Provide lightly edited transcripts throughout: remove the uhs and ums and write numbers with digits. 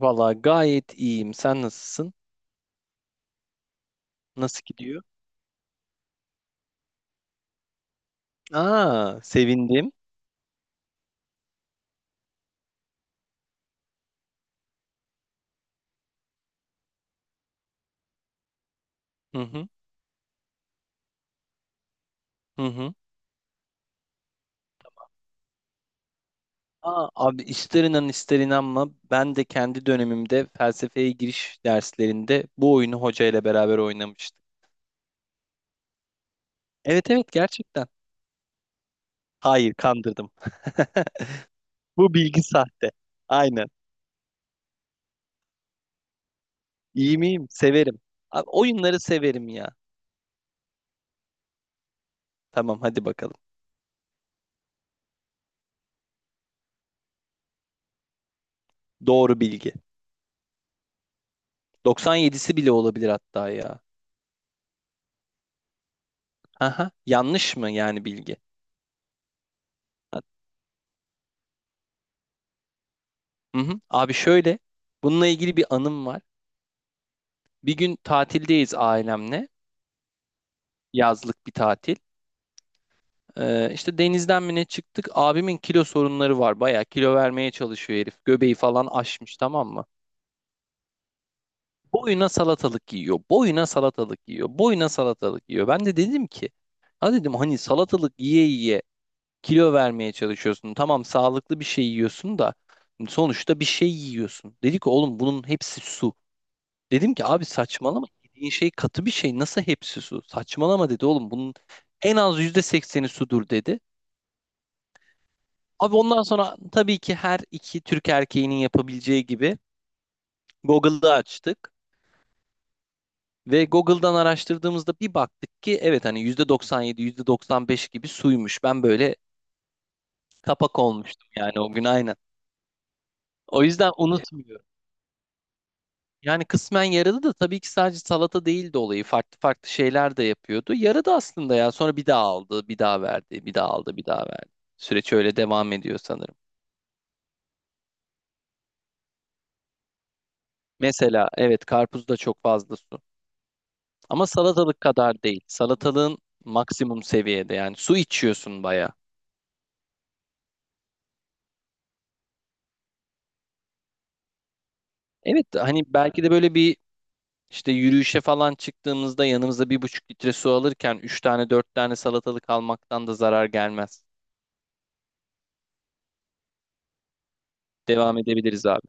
Valla gayet iyiyim. Sen nasılsın? Nasıl gidiyor? Aa, sevindim. Hı hı, hı hı. Aa, abi ister inan ister inanma ben de kendi dönemimde felsefeye giriş derslerinde bu oyunu hoca ile beraber oynamıştım. Evet evet gerçekten. Hayır kandırdım. Bu bilgi sahte. Aynen. İyi miyim? Severim. Abi, oyunları severim ya. Tamam hadi bakalım. Doğru bilgi. 97'si bile olabilir hatta ya. Aha, yanlış mı yani bilgi? Hı hı. Abi şöyle, bununla ilgili bir anım var. Bir gün tatildeyiz ailemle, yazlık bir tatil. İşte denizden mi ne çıktık? Abimin kilo sorunları var. Bayağı kilo vermeye çalışıyor herif. Göbeği falan aşmış tamam mı? Boyuna salatalık yiyor. Boyuna salatalık yiyor. Boyuna salatalık yiyor. Ben de dedim ki, ha dedim hani salatalık yiye yiye kilo vermeye çalışıyorsun. Tamam sağlıklı bir şey yiyorsun da sonuçta bir şey yiyorsun. Dedi ki oğlum bunun hepsi su. Dedim ki abi saçmalama yediğin şey katı bir şey nasıl hepsi su? Saçmalama dedi oğlum bunun en az %80'i sudur dedi. Abi ondan sonra tabii ki her iki Türk erkeğinin yapabileceği gibi Google'da açtık. Ve Google'dan araştırdığımızda bir baktık ki evet hani %97 %95 gibi suymuş. Ben böyle kapak olmuştum yani o gün aynen. O yüzden unutmuyorum. Yani kısmen yaradı da tabii ki sadece salata değildi olayı. Farklı farklı şeyler de yapıyordu. Yaradı aslında ya. Sonra bir daha aldı, bir daha verdi, bir daha aldı, bir daha verdi. Süreç öyle devam ediyor sanırım. Mesela evet karpuzda çok fazla su. Ama salatalık kadar değil. Salatalığın maksimum seviyede yani su içiyorsun baya. Evet hani belki de böyle bir işte yürüyüşe falan çıktığımızda yanımıza 1,5 litre su alırken üç tane dört tane salatalık almaktan da zarar gelmez. Devam edebiliriz abi.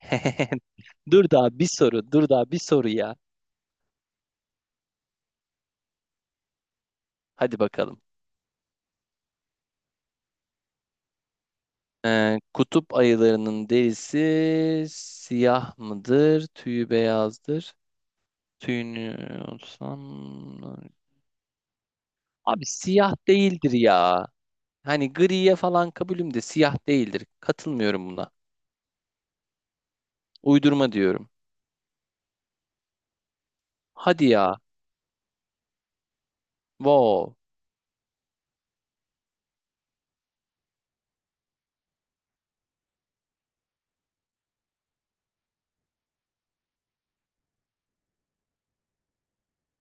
Dur daha bir soru, dur daha bir soru ya. Hadi bakalım. Kutup ayılarının derisi siyah mıdır, tüyü beyazdır? Tüyünü olsam. Abi siyah değildir ya. Hani griye falan kabulüm de siyah değildir. Katılmıyorum buna. Uydurma diyorum. Hadi ya. Wow.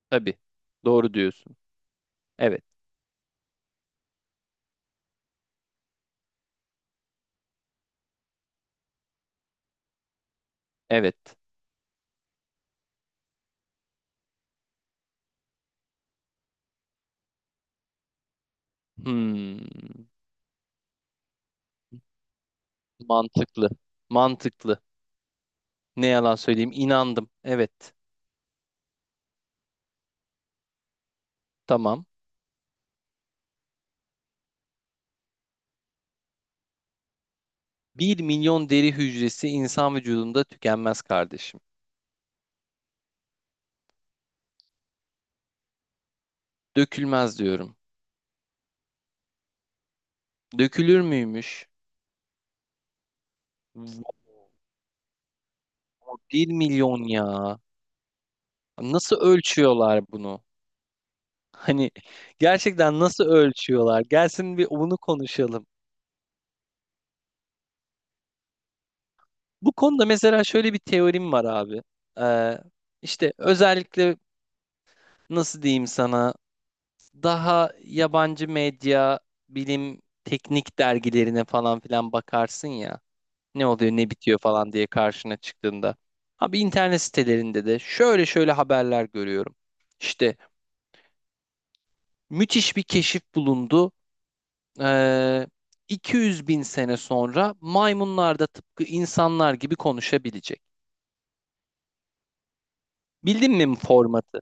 Tabii. Doğru diyorsun. Evet. Evet. Hmm. Mantıklı. Mantıklı. Ne yalan söyleyeyim. İnandım. Evet. Tamam. 1.000.000 deri hücresi insan vücudunda tükenmez kardeşim. Dökülmez diyorum. Dökülür müymüş? Vay, 1 milyon ya. Nasıl ölçüyorlar bunu? Hani gerçekten nasıl ölçüyorlar? Gelsin bir onu konuşalım. Bu konuda mesela şöyle bir teorim var abi. Ee, işte özellikle nasıl diyeyim sana daha yabancı medya, bilim, teknik dergilerine falan filan bakarsın ya. Ne oluyor ne bitiyor falan diye karşına çıktığında. Abi internet sitelerinde de şöyle şöyle haberler görüyorum. İşte müthiş bir keşif bulundu. Ee, 200 bin sene sonra maymunlar da tıpkı insanlar gibi konuşabilecek. Bildin mi formatı?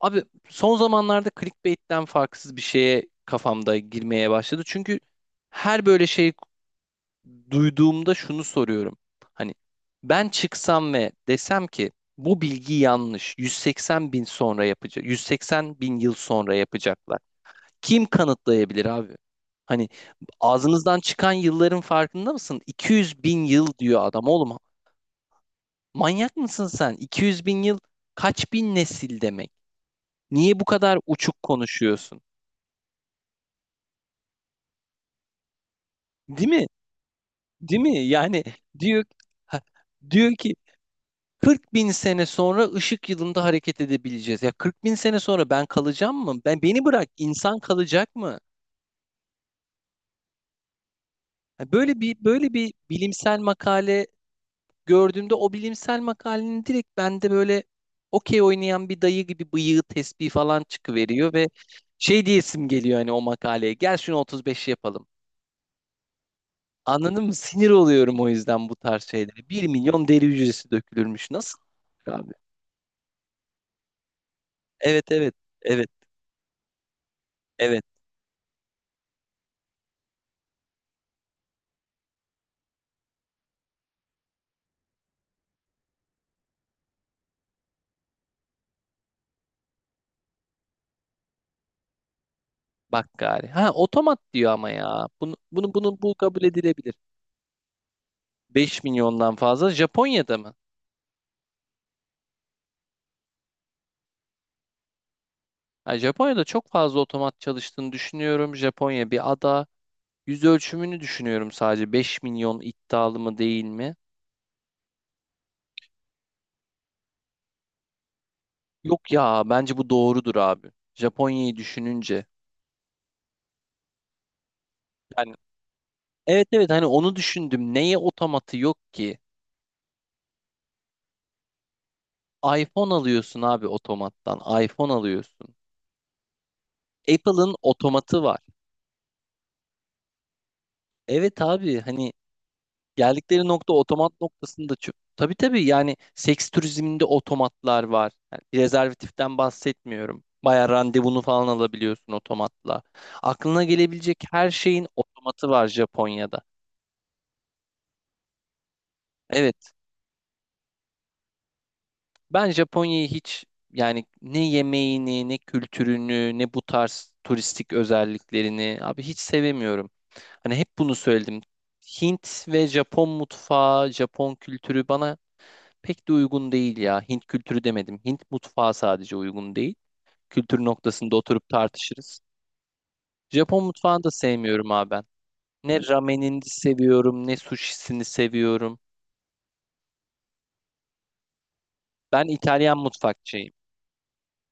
Abi son zamanlarda clickbait'ten farksız bir şeye kafamda girmeye başladı. Çünkü her böyle şey duyduğumda şunu soruyorum. Hani ben çıksam ve desem ki bu bilgi yanlış. 180 bin sonra yapacak. 180 bin yıl sonra yapacaklar. Kim kanıtlayabilir abi? Hani ağzınızdan çıkan yılların farkında mısın? 200 bin yıl diyor adam oğlum. Manyak mısın sen? 200 bin yıl kaç bin nesil demek? Niye bu kadar uçuk konuşuyorsun? Değil mi? Değil mi? Yani diyor. Ha, diyor ki 40 bin sene sonra ışık yılında hareket edebileceğiz. Ya 40 bin sene sonra ben kalacağım mı? Ben beni bırak insan kalacak mı? Ya böyle bir bilimsel makale gördüğümde o bilimsel makalenin direkt bende böyle okey oynayan bir dayı gibi bıyığı tesbih falan çıkıveriyor ve şey diyesim geliyor hani o makaleye. Gel şunu 35 yapalım. Anladın mı? Sinir oluyorum o yüzden bu tarz şeylere. 1.000.000 deri hücresi dökülürmüş. Nasıl? Abi. Evet evet. Evet. Evet. Bak gari. Ha otomat diyor ama ya. Bunu bunu bunu bu kabul edilebilir. 5.000.000'dan fazla Japonya'da mı? Ha, Japonya'da çok fazla otomat çalıştığını düşünüyorum. Japonya bir ada. Yüz ölçümünü düşünüyorum sadece. 5.000.000 iddialı mı değil mi? Yok ya bence bu doğrudur abi. Japonya'yı düşününce. Yani evet evet hani onu düşündüm. Neye otomatı yok ki? iPhone alıyorsun abi otomattan. iPhone alıyorsun. Apple'ın otomatı var. Evet abi hani. Geldikleri nokta otomat noktasında çok. Tabii tabii yani seks turizminde otomatlar var. Yani bir rezervatiften bahsetmiyorum. Bayağı randevunu falan alabiliyorsun otomatla. Aklına gelebilecek her şeyin otomatı var Japonya'da. Evet. Ben Japonya'yı hiç yani ne yemeğini, ne kültürünü, ne bu tarz turistik özelliklerini abi hiç sevemiyorum. Hani hep bunu söyledim. Hint ve Japon mutfağı, Japon kültürü bana pek de uygun değil ya. Hint kültürü demedim. Hint mutfağı sadece uygun değil. Kültür noktasında oturup tartışırız. Japon mutfağını da sevmiyorum abi ben. Ne ramenini seviyorum, ne sushisini seviyorum. Ben İtalyan mutfakçıyım.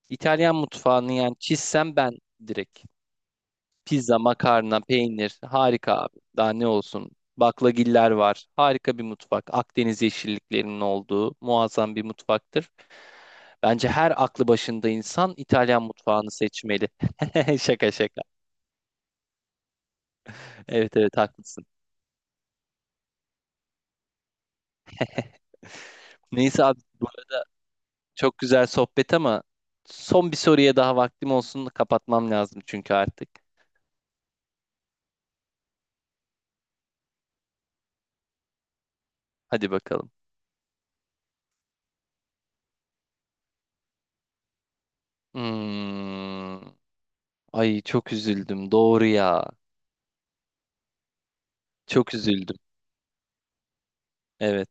İtalyan mutfağını yani çizsem ben direkt. Pizza, makarna, peynir harika abi. Daha ne olsun? Baklagiller var. Harika bir mutfak. Akdeniz yeşilliklerinin olduğu muazzam bir mutfaktır. Bence her aklı başında insan İtalyan mutfağını seçmeli. Şaka şaka. Evet evet haklısın. Neyse abi bu arada çok güzel sohbet ama son bir soruya daha vaktim olsun kapatmam lazım çünkü artık. Hadi bakalım. Hmm. Ay çok üzüldüm doğru ya. Çok üzüldüm. Evet.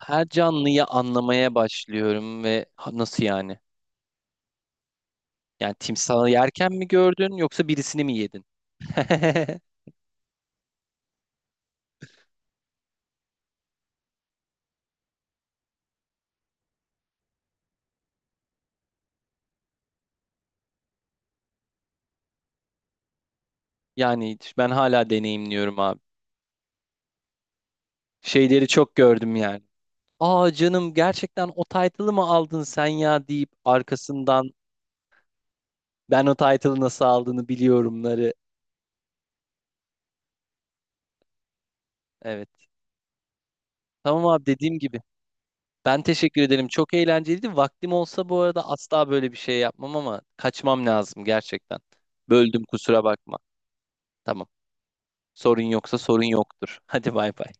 Her canlıyı anlamaya başlıyorum ve ha, nasıl yani? Yani timsahı yerken mi gördün yoksa birisini mi yedin? Yani ben hala deneyimliyorum abi. Şeyleri çok gördüm yani. Aa canım gerçekten o title'ı mı aldın sen ya deyip arkasından ben o title'ı nasıl aldığını biliyorumları. Evet. Tamam abi dediğim gibi. Ben teşekkür ederim. Çok eğlenceliydi. Vaktim olsa bu arada asla böyle bir şey yapmam ama kaçmam lazım gerçekten. Böldüm kusura bakma. Tamam. Sorun yoksa sorun yoktur. Hadi bay bay.